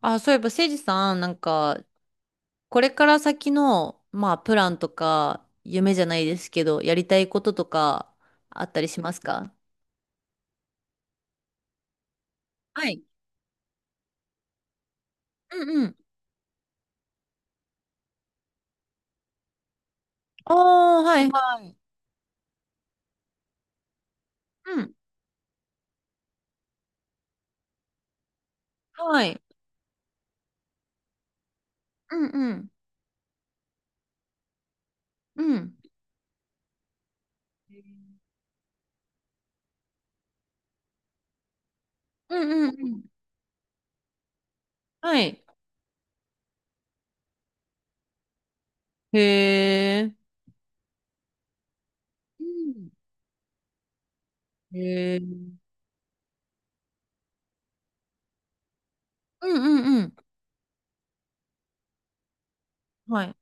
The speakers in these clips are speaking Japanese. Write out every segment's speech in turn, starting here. あ、そういえば、誠司さん、なんか、これから先の、まあ、プランとか、夢じゃないですけど、やりたいこととか、あったりしますか？はい。うんうん。ああー、はい。はい。うん。はい。うんうん。うん。うんうんうん。はい。へえ。うん。へえ。うんうんうん。はい。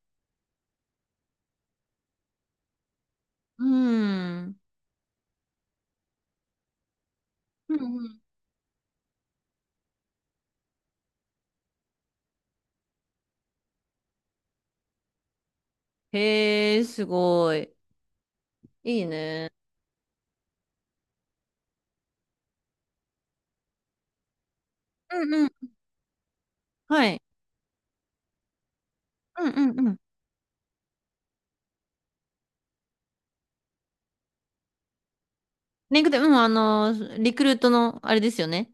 うん。うんうん。へえ、すごい。いいね。うんうん。はい。うんうんうん。リンクで、うん、あの、リクルートの、あれですよね。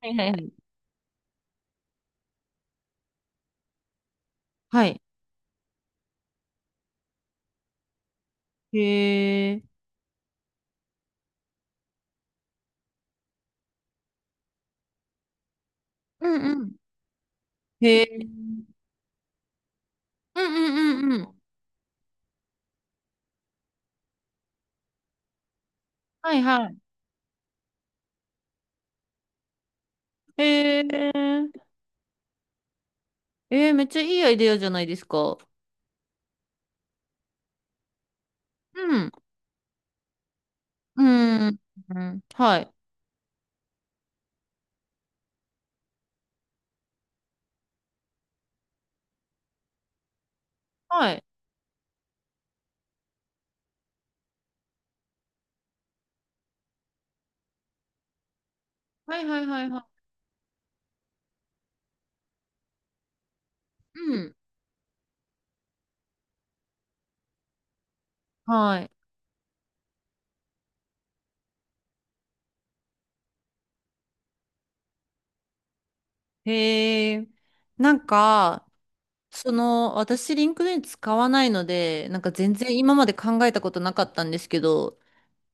はいはいはい。はい。へえ。うんうん。へえ。うんうんうんうん。はいはい。へえ。えー、めっちゃいいアイデアじゃないですか。うん。うん。うん。はい。はい。はいはいはいはい。うん。はい。へえ。なんか、その、私、リンクドイン使わないので、なんか全然今まで考えたことなかったんですけど、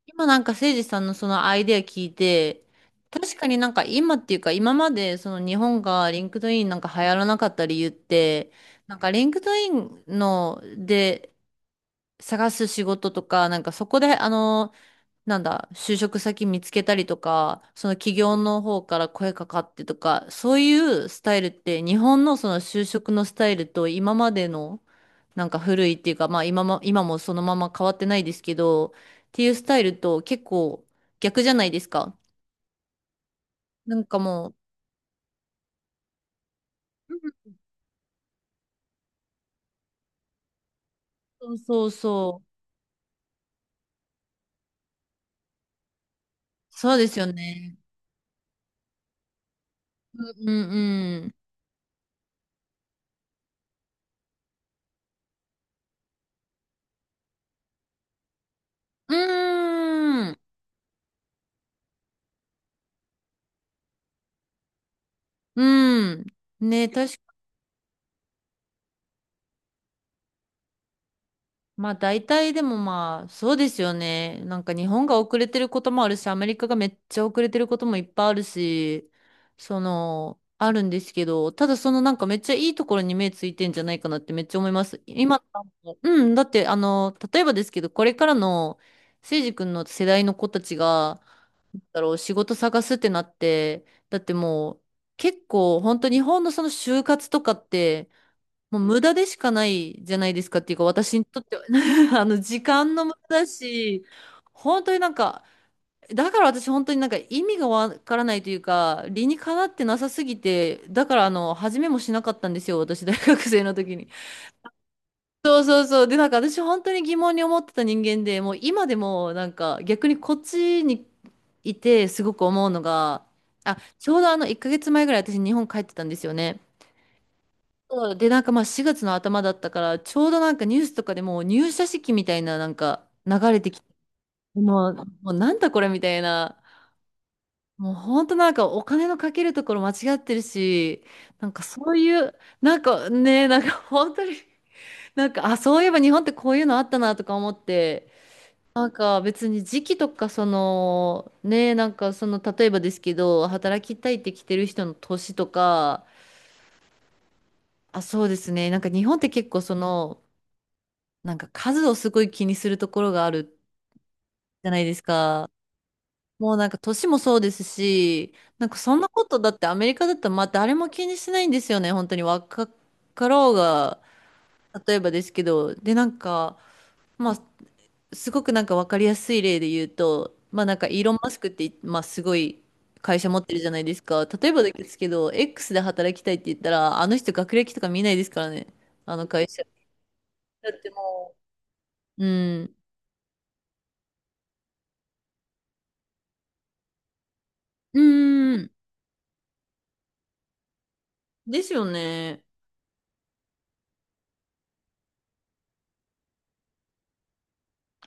今なんか誠司さんのそのアイデア聞いて、確かになんか今っていうか今までその日本がリンクドインなんか流行らなかった理由って、なんかリンクドインので探す仕事とか、なんかそこであのなんだ、就職先見つけたりとか、その企業の方から声かかってとか、そういうスタイルって、日本のその就職のスタイルと今までの、なんか古いっていうか、まあ今も、今もそのまま変わってないですけど、っていうスタイルと結構逆じゃないですか。なんかもう、うんそうそうそう。そうですよね。うんうんうん。うーん。うん。ね、確まあ大体でもまあそうですよね。なんか日本が遅れてることもあるし、アメリカがめっちゃ遅れてることもいっぱいあるし、その、あるんですけど、ただそのなんかめっちゃいいところに目ついてんじゃないかなってめっちゃ思います。今、うん、だってあの、例えばですけど、これからのせいじ君の世代の子たちが、だろう、仕事探すってなって、だってもう結構本当日本のその就活とかって、もう無駄でしかないじゃないですかっていうか、私にとっては あの、時間の無駄だし、本当になんか、だから私本当になんか意味がわからないというか、理にかなってなさすぎて、だからあの、始めもしなかったんですよ、私大学生の時に。そうそうそう。で、なんか私本当に疑問に思ってた人間で、もう今でもなんか逆にこっちにいてすごく思うのが、あ、ちょうどあの1ヶ月前ぐらい私日本帰ってたんですよね。そうで、なんかまあ4月の頭だったから、ちょうどなんかニュースとかでもう入社式みたいななんか流れてきて、もう、もうなんだこれみたいな、もう本当なんかお金のかけるところ間違ってるし、なんかそういう、なんかね、なんか本当に、なんか、あ、そういえば日本ってこういうのあったなとか思って、なんか別に時期とかその、ね、なんかその例えばですけど、働きたいって来てる人の年とか、あ、そうですね。なんか日本って結構その、なんか数をすごい気にするところがあるじゃないですか。もうなんか年もそうですし、なんかそんなことだってアメリカだったらまあ誰も気にしないんですよね。本当に若かろうが、例えばですけど。で、なんか、まあすごくなんかわかりやすい例で言うと、まあなんかイーロン・マスクって、まあすごい会社持ってるじゃないですか。例えばですけど、X で働きたいって言ったら、あの人学歴とか見ないですからね。あの会社。だってもう、うん。うーん。ですよね。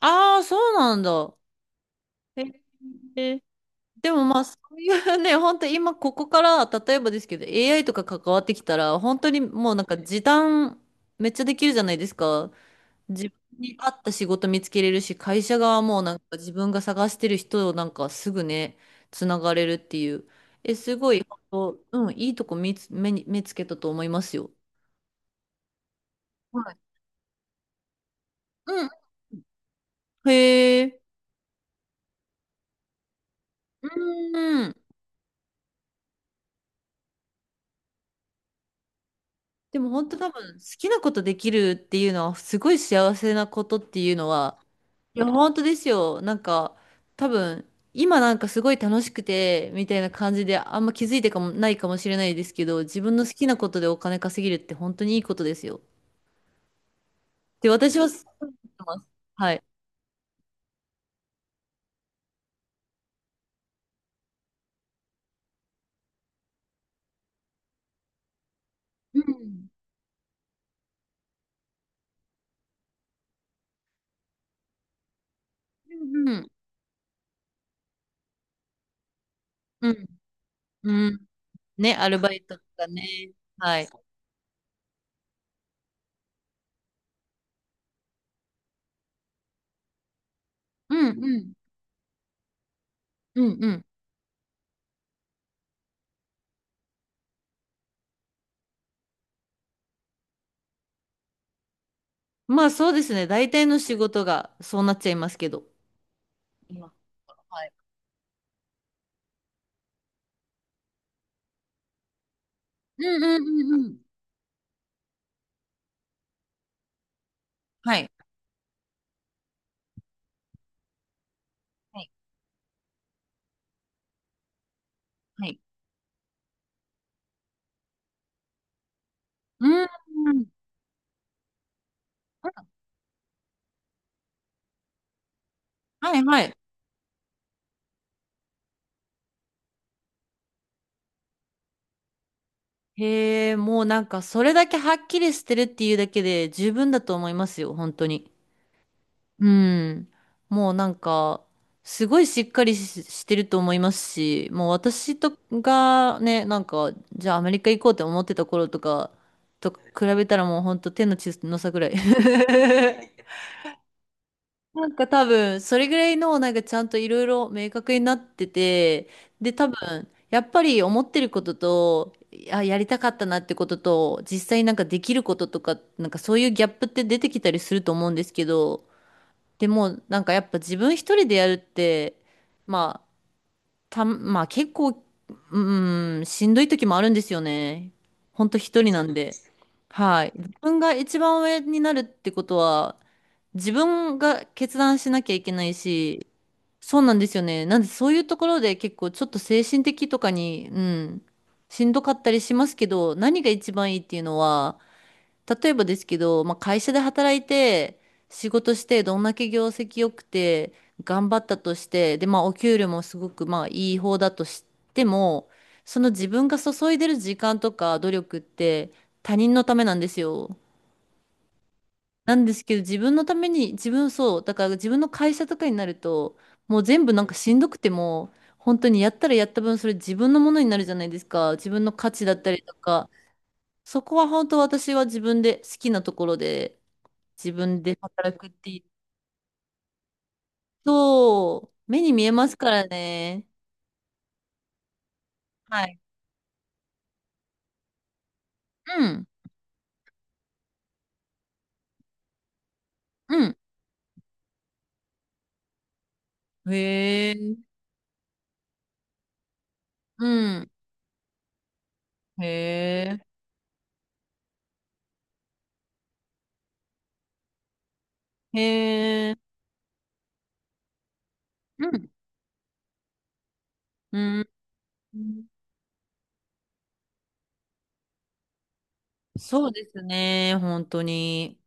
ああ、そうなんだ。ええでもまあ、そういうね、本当今ここから、例えばですけど、AI とか関わってきたら、本当にもうなんか時短めっちゃできるじゃないですか。自分に合った仕事見つけれるし、会社側もなんか自分が探してる人をなんかすぐね、つながれるっていう。え、すごい、本当、うん、いいとこ見つ、目に、目つけたと思いますよ。はい。うん。へえ。うん。でも本当多分好きなことできるっていうのはすごい幸せなことっていうのはいや本当ですよなんか多分今なんかすごい楽しくてみたいな感じであんま気づいてかもないかもしれないですけど自分の好きなことでお金稼げるって本当にいいことですよで私はそう思ってますはいうんうんうんうんねアルバイトとかねはいうんうんうんうんまあそうですね大体の仕事がそうなっちゃいますけど今はいうんうんうんうん。はい。はい。はい。うん。うんはいはい。へえ、もうなんかそれだけはっきりしてるっていうだけで十分だと思いますよ、本当に。うん。もうなんか、すごいしっかりし、してると思いますし、もう私とがね、なんか、じゃあアメリカ行こうって思ってた頃とか、と比べたらもう本当手の血の差ぐらい。なんか多分、それぐらいの、なんかちゃんといろいろ明確になってて、で、多分、やっぱり思ってることと、あ、やりたかったなってことと、実際なんかできることとか、なんかそういうギャップって出てきたりすると思うんですけど、でも、なんかやっぱ自分一人でやるって、まあ、まあ結構、うん、しんどい時もあるんですよね。ほんと一人なんで。はい。自分が一番上になるってことは、自分が決断しなきゃいけないし、そうなんですよね。なんでそういうところで結構ちょっと精神的とかに、うん、しんどかったりしますけど、何が一番いいっていうのは、例えばですけど、まあ、会社で働いて、仕事して、どんだけ業績良くて、頑張ったとして、で、まあ、お給料もすごく、まあ、いい方だとしても、その自分が注いでる時間とか努力って、他人のためなんですよ。なんですけど、自分のために、自分そう、だから自分の会社とかになると、もう全部なんかしんどくても、本当にやったらやった分、それ自分のものになるじゃないですか。自分の価値だったりとか、そこは本当私は自分で好きなところで、自分で働くっていうと、目に見えますからね。はい。うん、うん。へえ、うん。へえ、へえ、うん。うん。そうですね、本当に。